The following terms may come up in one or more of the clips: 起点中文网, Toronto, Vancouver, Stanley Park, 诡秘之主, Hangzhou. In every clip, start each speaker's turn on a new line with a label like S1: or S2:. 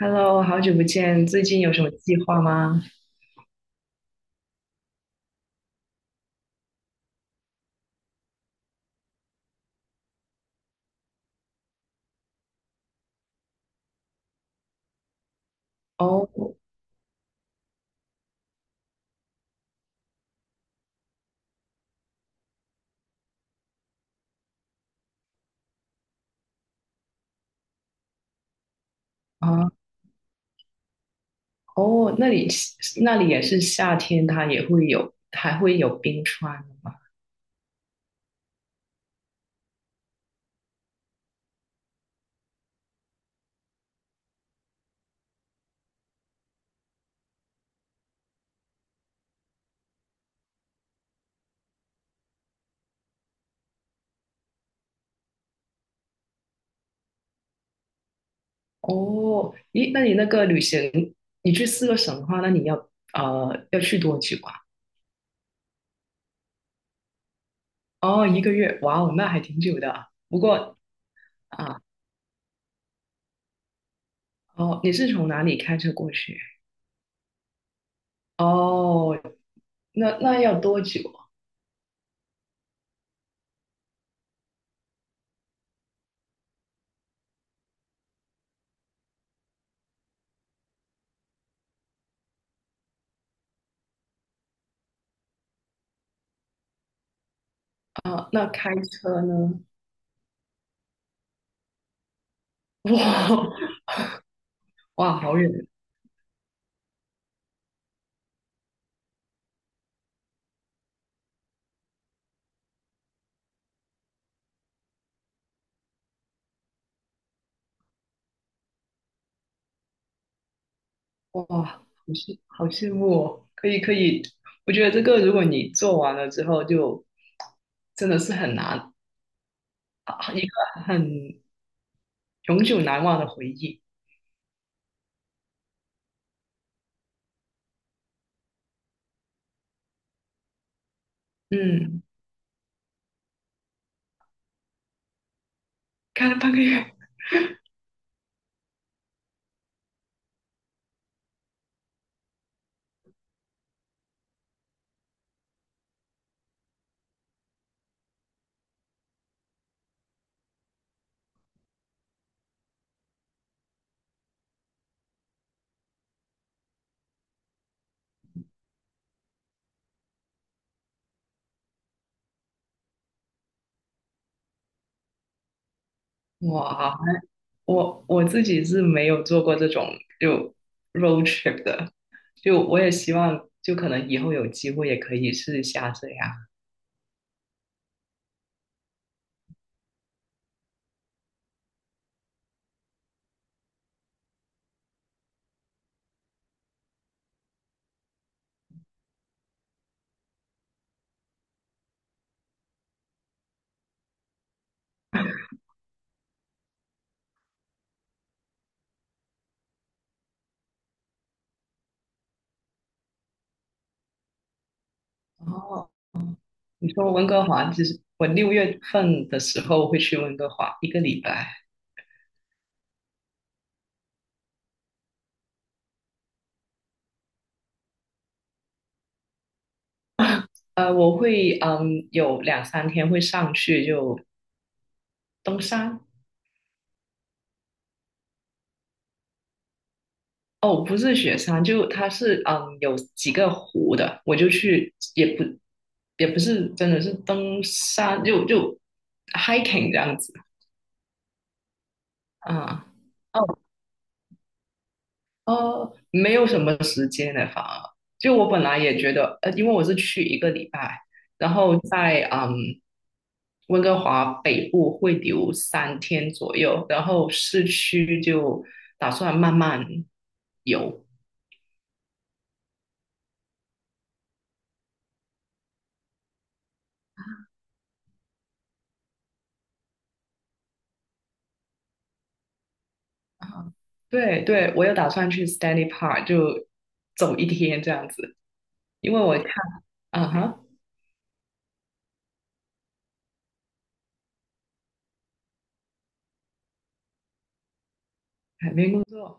S1: Hello，好久不见，最近有什么计划吗？哦，啊，哦，那里也是夏天，它也会有，还会有冰川吗？哦，咦，那你那个旅行，你去四个省的话，那你要去多久啊？哦，一个月，哇哦，那还挺久的。不过啊，哦，你是从哪里开车过去？哦，那要多久啊？啊那开车呢？哇 哇，好远，哇，好羡慕哦。可以可以，我觉得这个如果你做完了之后就，真的是很难，啊一个很永久难忘的回忆。嗯。开了半个月。哇，我自己是没有做过这种就 road trip 的，就我也希望就可能以后有机会也可以试一下这样。哦，你说温哥华，其实我六月份的时候会去温哥华一个礼拜，我会有两三天会上去就登山，哦，不是雪山，就它是有几个湖的，我就去，也不是真的是登山，就 hiking 这样子啊。哦哦，没有什么时间的，反而就我本来也觉得，因为我是去一个礼拜，然后在温哥华北部会留三天左右，然后市区就打算慢慢游。对对，我有打算去 Stanley Park 就走一天这样子，因为我看，啊哈，海边工作，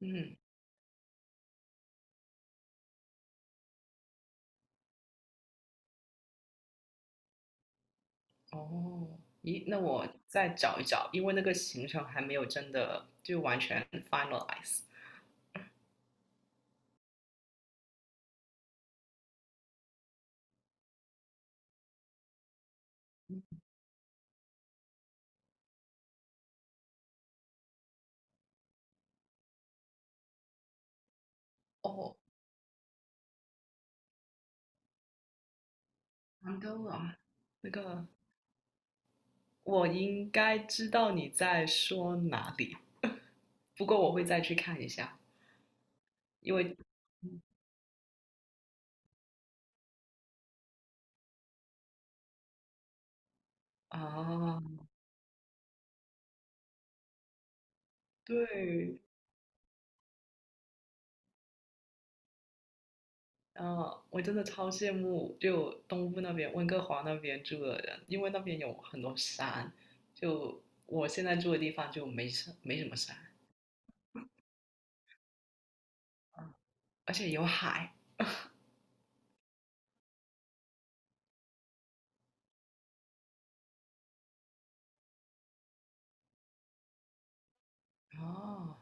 S1: 嗯，哦，咦，那我再找一找，因为那个行程还没有真的就完全 finalize。哦，杭州啊，那个我应该知道你在说哪里，不过我会再去看一下，因为啊，对然后我真的超羡慕，就东部那边温哥华那边住的人，因为那边有很多山，就我现在住的地方就没什么山，而且有海。哦，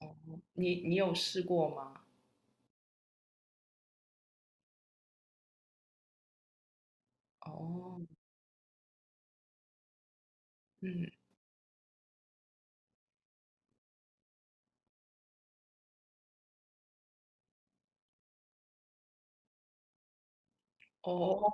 S1: 哦，你有试过吗？哦，嗯，哦，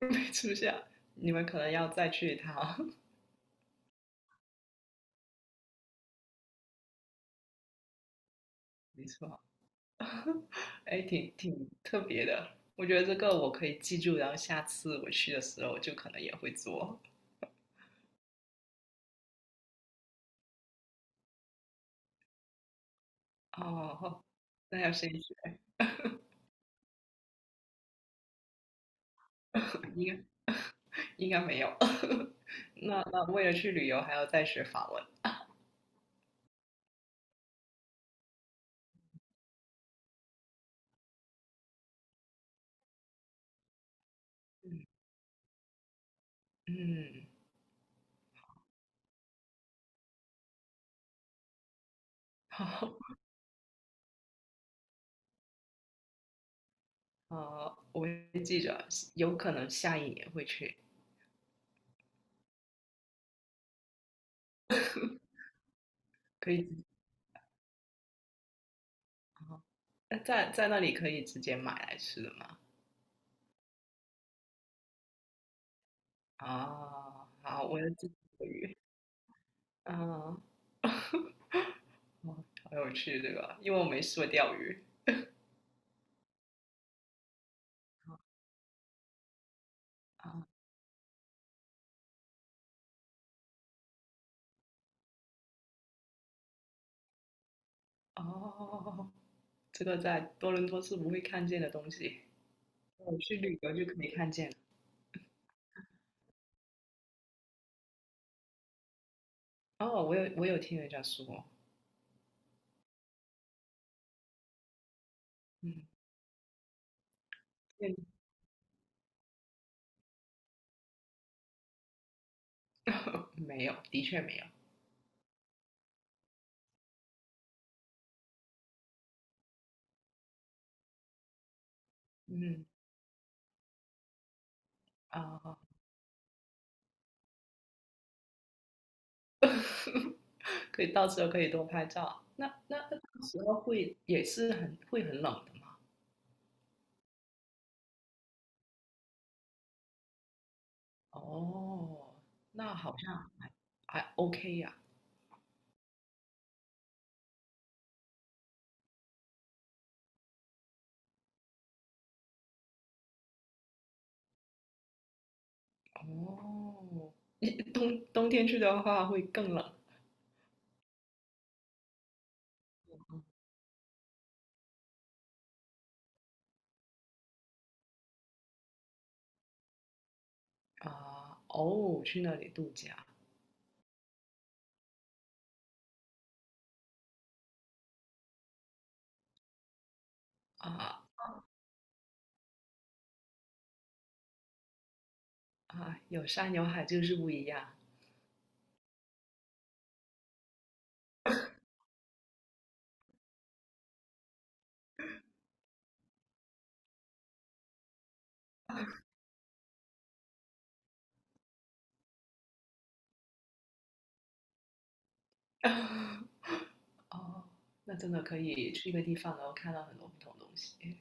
S1: 没出现，你们可能要再去一趟。没错，哎，挺特别的，我觉得这个我可以记住，然后下次我去的时候就可能也会做。哦，那要先学，应该应该没有。那为了去旅游还要再学法文，嗯，好，我会记着，有可能下一年会去，可以自己，啊，那在那里可以直接买来吃的吗？啊，好，我要自己钓鱼，啊，哦，好有趣这个，因为我没试过钓鱼啊，哦，这个在多伦多是不会看见的东西，我去旅游就可以看见了。哦，我有听人家说，嗯，没有，的确没有。嗯啊、呃可以到时候可以多拍照。那到时候会也是很会很冷的嘛？哦，那好像还 OK 呀、哦，你冬天去的话会更冷啊。哦，去那里度假啊啊，有山有海就是不一样。哦，那真的可以去一个地方，然后看到很多不同东西。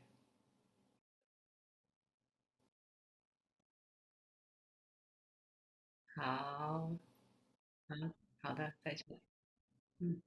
S1: 好，好，好的，再见。嗯。